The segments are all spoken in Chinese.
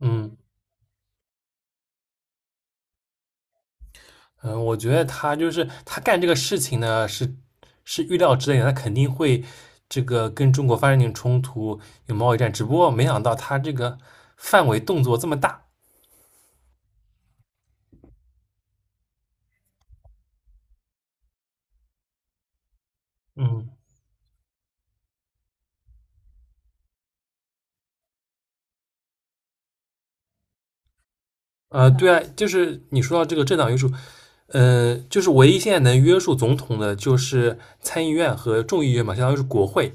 嗯嗯，我觉得他就是他干这个事情呢，是预料之内的，他肯定会这个跟中国发生点冲突，有贸易战。只不过没想到他这个范围动作这么大。嗯，对啊，就是你说到这个政党约束，就是唯一现在能约束总统的就是参议院和众议院嘛，相当于是国会。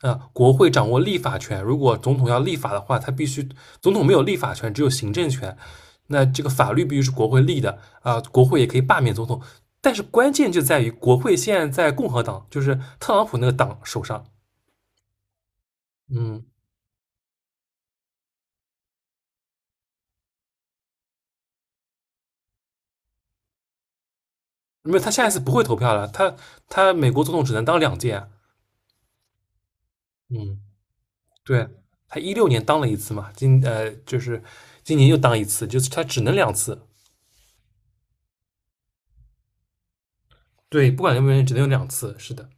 啊，国会掌握立法权，如果总统要立法的话，他必须总统没有立法权，只有行政权。那这个法律必须是国会立的啊，国会也可以罢免总统。但是关键就在于国会现在在共和党，就是特朗普那个党手上。嗯，因为他下一次不会投票了，他美国总统只能当两届啊。嗯，对，他2016年当了一次嘛，今呃就是今年又当一次，就是他只能两次。对，不管什不原因，只能有两次。是的，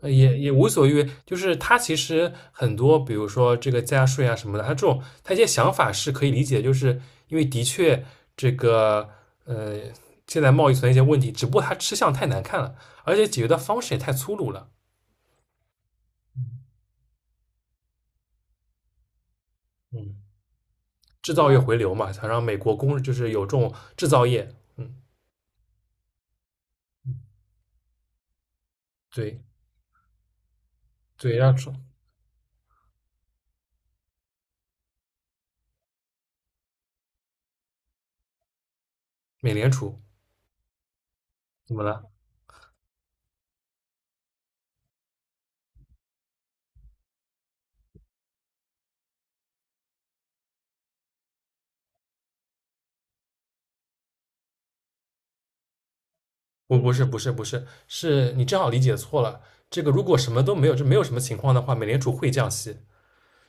也无所谓，就是他其实很多，比如说这个加税啊什么的，他这种他一些想法是可以理解，就是因为的确这个，呃，现在贸易存在一些问题，只不过他吃相太难看了，而且解决的方式也太粗鲁了。嗯，制造业回流嘛，想让美国工就是有这种制造业，嗯，对对，让出美联储。怎么了？不是，是你正好理解错了。这个如果什么都没有，这没有什么情况的话，美联储会降息。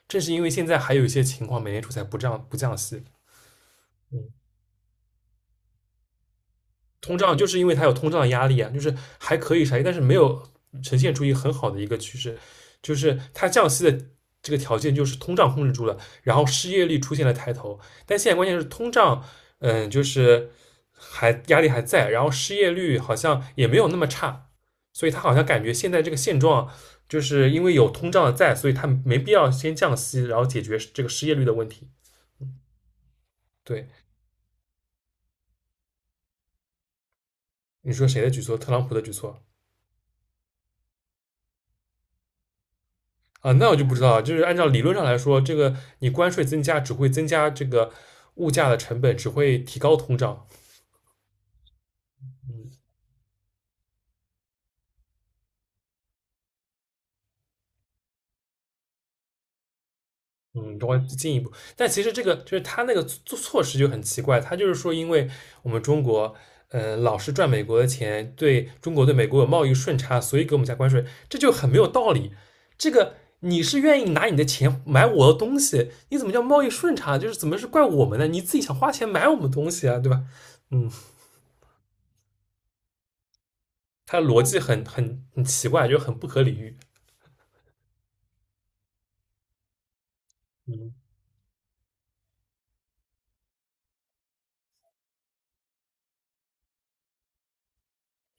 正是因为现在还有一些情况，美联储才不降息。嗯，通胀就是因为它有通胀压力啊，就是还可以啥，但是没有呈现出一个很好的一个趋势，就是它降息的这个条件就是通胀控制住了，然后失业率出现了抬头。但现在关键是通胀，嗯，就是还压力还在，然后失业率好像也没有那么差，所以他好像感觉现在这个现状。就是因为有通胀在，所以它没必要先降息，然后解决这个失业率的问题。对，你说谁的举措？特朗普的举措。啊？那我就不知道了。就是按照理论上来说，这个你关税增加只会增加这个物价的成本，只会提高通胀。嗯，嗯，中关进一步，但其实这个就是他那个措施就很奇怪，他就是说，因为我们中国，嗯，老是赚美国的钱，对中国对美国有贸易顺差，所以给我们加关税，这就很没有道理。这个你是愿意拿你的钱买我的东西，你怎么叫贸易顺差？就是怎么是怪我们呢？你自己想花钱买我们东西啊，对吧？嗯，他的逻辑很奇怪，就很不可理喻。嗯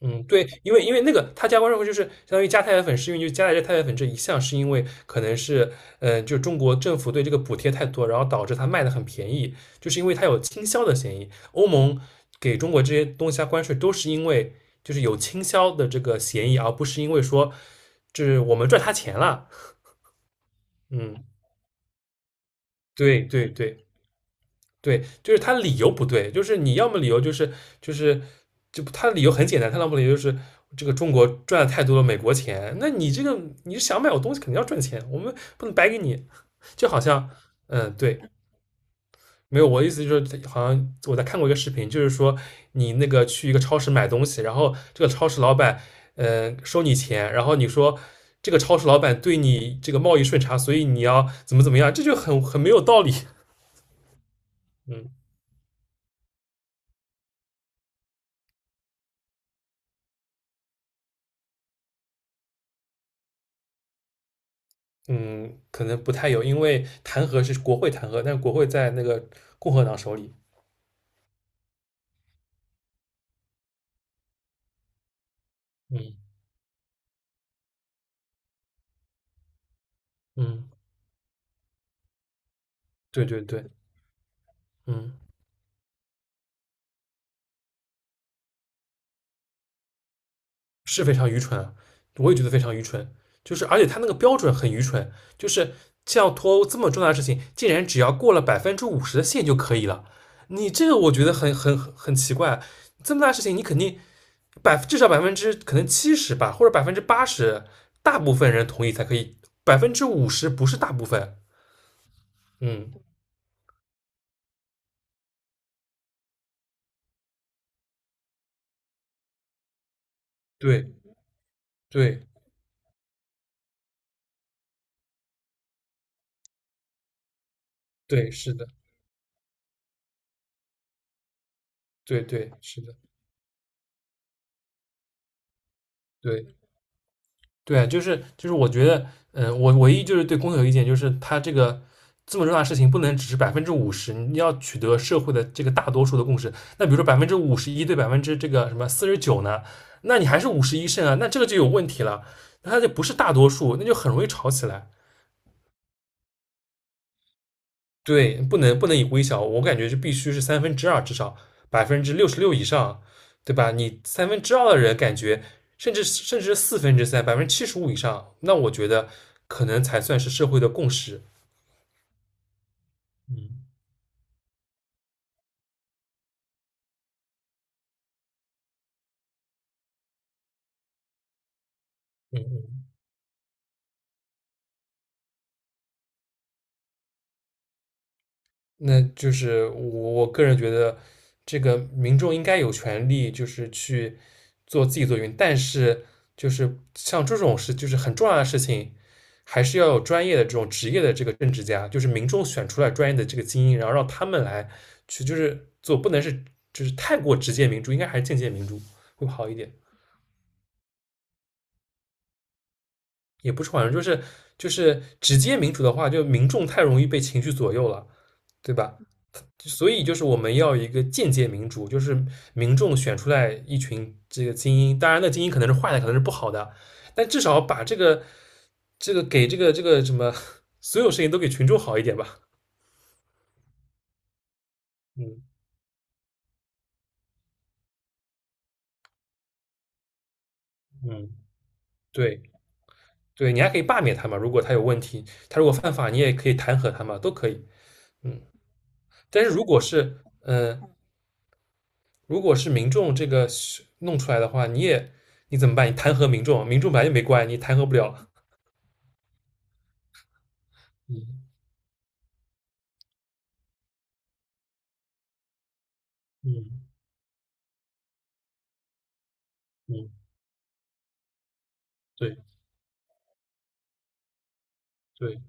嗯，对，因为那个他加关税后就是相当于加太白粉，是因为就加在这太白粉这一项，是因为可能是就中国政府对这个补贴太多，然后导致它卖的很便宜，就是因为它有倾销的嫌疑。欧盟给中国这些东西加关税，都是因为就是有倾销的这个嫌疑，而不是因为说就是我们赚他钱了。嗯，对对对。对，就是他理由不对，就是你要么理由就是就是就他的理由很简单，他要么理由就是这个中国赚了太多了美国钱，那你这个你是想买我东西肯定要赚钱，我们不能白给你，就好像嗯对，没有我的意思就是好像我在看过一个视频，就是说你那个去一个超市买东西，然后这个超市老板收你钱，然后你说。这个超市老板对你这个贸易顺差，所以你要怎么怎么样，这就很没有道理。嗯，嗯，可能不太有，因为弹劾是国会弹劾，但是国会在那个共和党手里。嗯嗯，对对对，嗯，是非常愚蠢啊，我也觉得非常愚蠢。就是而且他那个标准很愚蠢，就是像脱欧这么重大的事情，竟然只要过了百分之五十的线就可以了。你这个我觉得很奇怪，这么大事情你肯定至少百分之可能七十吧，或者80%，大部分人同意才可以，百分之五十不是大部分。嗯，对。对，对，是的，对对是的，对对啊就是就是，我觉得，嗯，我唯一就是对公投有意见，就是它这个这么重大的事情，不能只是百分之五十，你要取得社会的这个大多数的共识。那比如说51%对49%呢，那你还是五十一胜啊，那这个就有问题了，那它就不是大多数，那就很容易吵起来。对，不能以微小，我感觉是必须是三分之二至少66%以上，对吧？你三分之二的人感觉，甚至四分之三，75%以上，那我觉得可能才算是社会的共识。嗯嗯嗯，那就是我个人觉得，这个民众应该有权利，就是去做自己做运，但是就是像这种事，就是很重要的事情，还是要有专业的这种职业的这个政治家，就是民众选出来专业的这个精英，然后让他们来去就是做，不能是就是太过直接民主，应该还是间接民主会好一点，也不是好像就是就是直接民主的话，就民众太容易被情绪左右了，对吧？所以就是我们要有一个间接民主，就是民众选出来一群这个精英，当然那精英可能是坏的，可能是不好的，但至少把这个这个给这个这个什么所有事情都给群众好一点吧。嗯嗯，对对，你还可以罢免他嘛，如果他有问题，他如果犯法，你也可以弹劾他嘛，都可以。嗯，但是如果是呃，如果是民众这个弄出来的话，你也你怎么办？你弹劾民众，民众本来就没关，你弹劾不了。嗯嗯嗯，对。对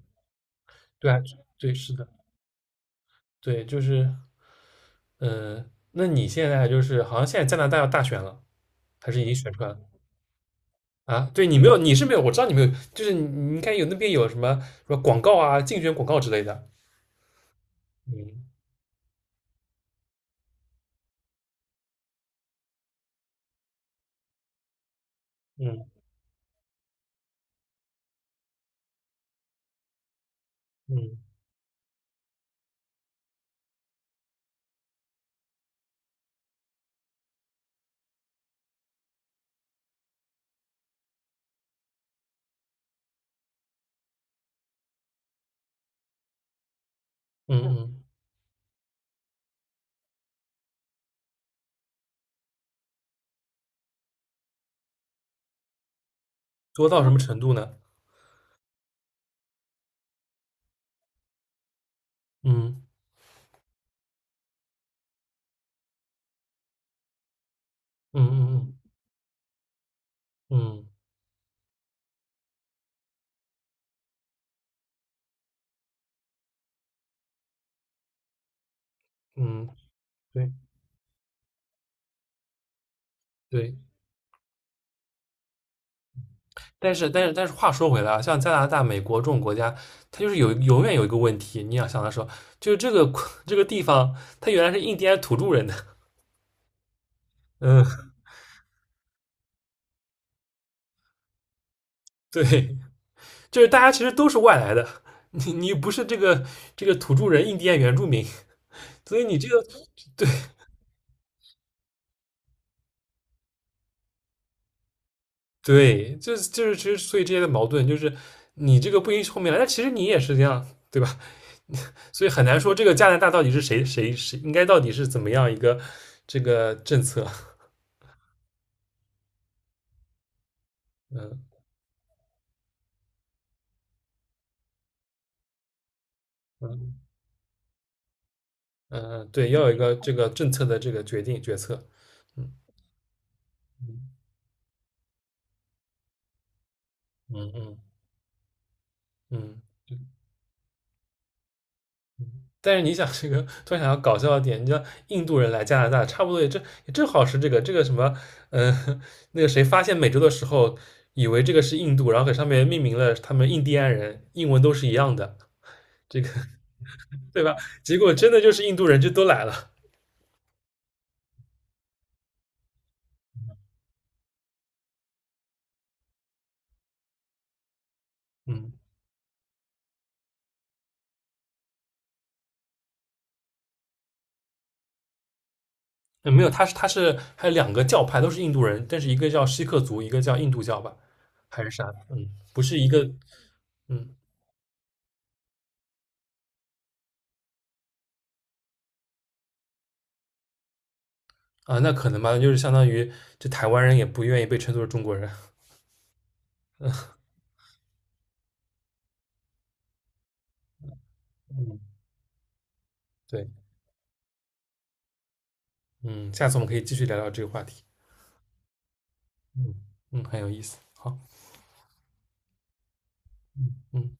对啊对，是的，对，就是嗯、呃那你现在就是好像现在加拿大要大选了，还是已经选出来了啊？对你没有，你是没有，我知道你没有，就是你你应该有那边有什么什么广告啊，竞选广告之类的。嗯嗯嗯嗯嗯，多到什么程度呢？嗯嗯嗯嗯嗯嗯，对对，但是话说回来啊，像加拿大、美国这种国家，它就是有永远有一个问题，你要想的时候，就是这个 这个地方，它原来是印第安土著人的，嗯，对，就是大家其实都是外来的，你你不是这个这个土著人、印第安原住民，所以你这个对对，就是就是其实所以这些的矛盾就是你这个不允许后面来，但其实你也是这样，对吧？所以很难说这个加拿大到底是谁谁谁应该到底是怎么样一个这个政策，嗯嗯嗯，对，要有一个这个政策的这个决定决策，嗯嗯嗯嗯嗯，但是你想这个，突然想到搞笑的点，你像印度人来加拿大，差不多也正也正好是这个这个什么，嗯、那个谁发现美洲的时候，以为这个是印度，然后给上面命名了他们印第安人，英文都是一样的，这个对吧？结果真的就是印度人就都来了，嗯，没有，他是他是还有两个教派都是印度人，但是一个叫锡克族，一个叫印度教吧，还是啥？嗯，不是一个，嗯啊，那可能吧，就是相当于这台湾人也不愿意被称作是中国人，嗯，对。嗯，下次我们可以继续聊聊这个话题。嗯嗯，很有意思。好，嗯。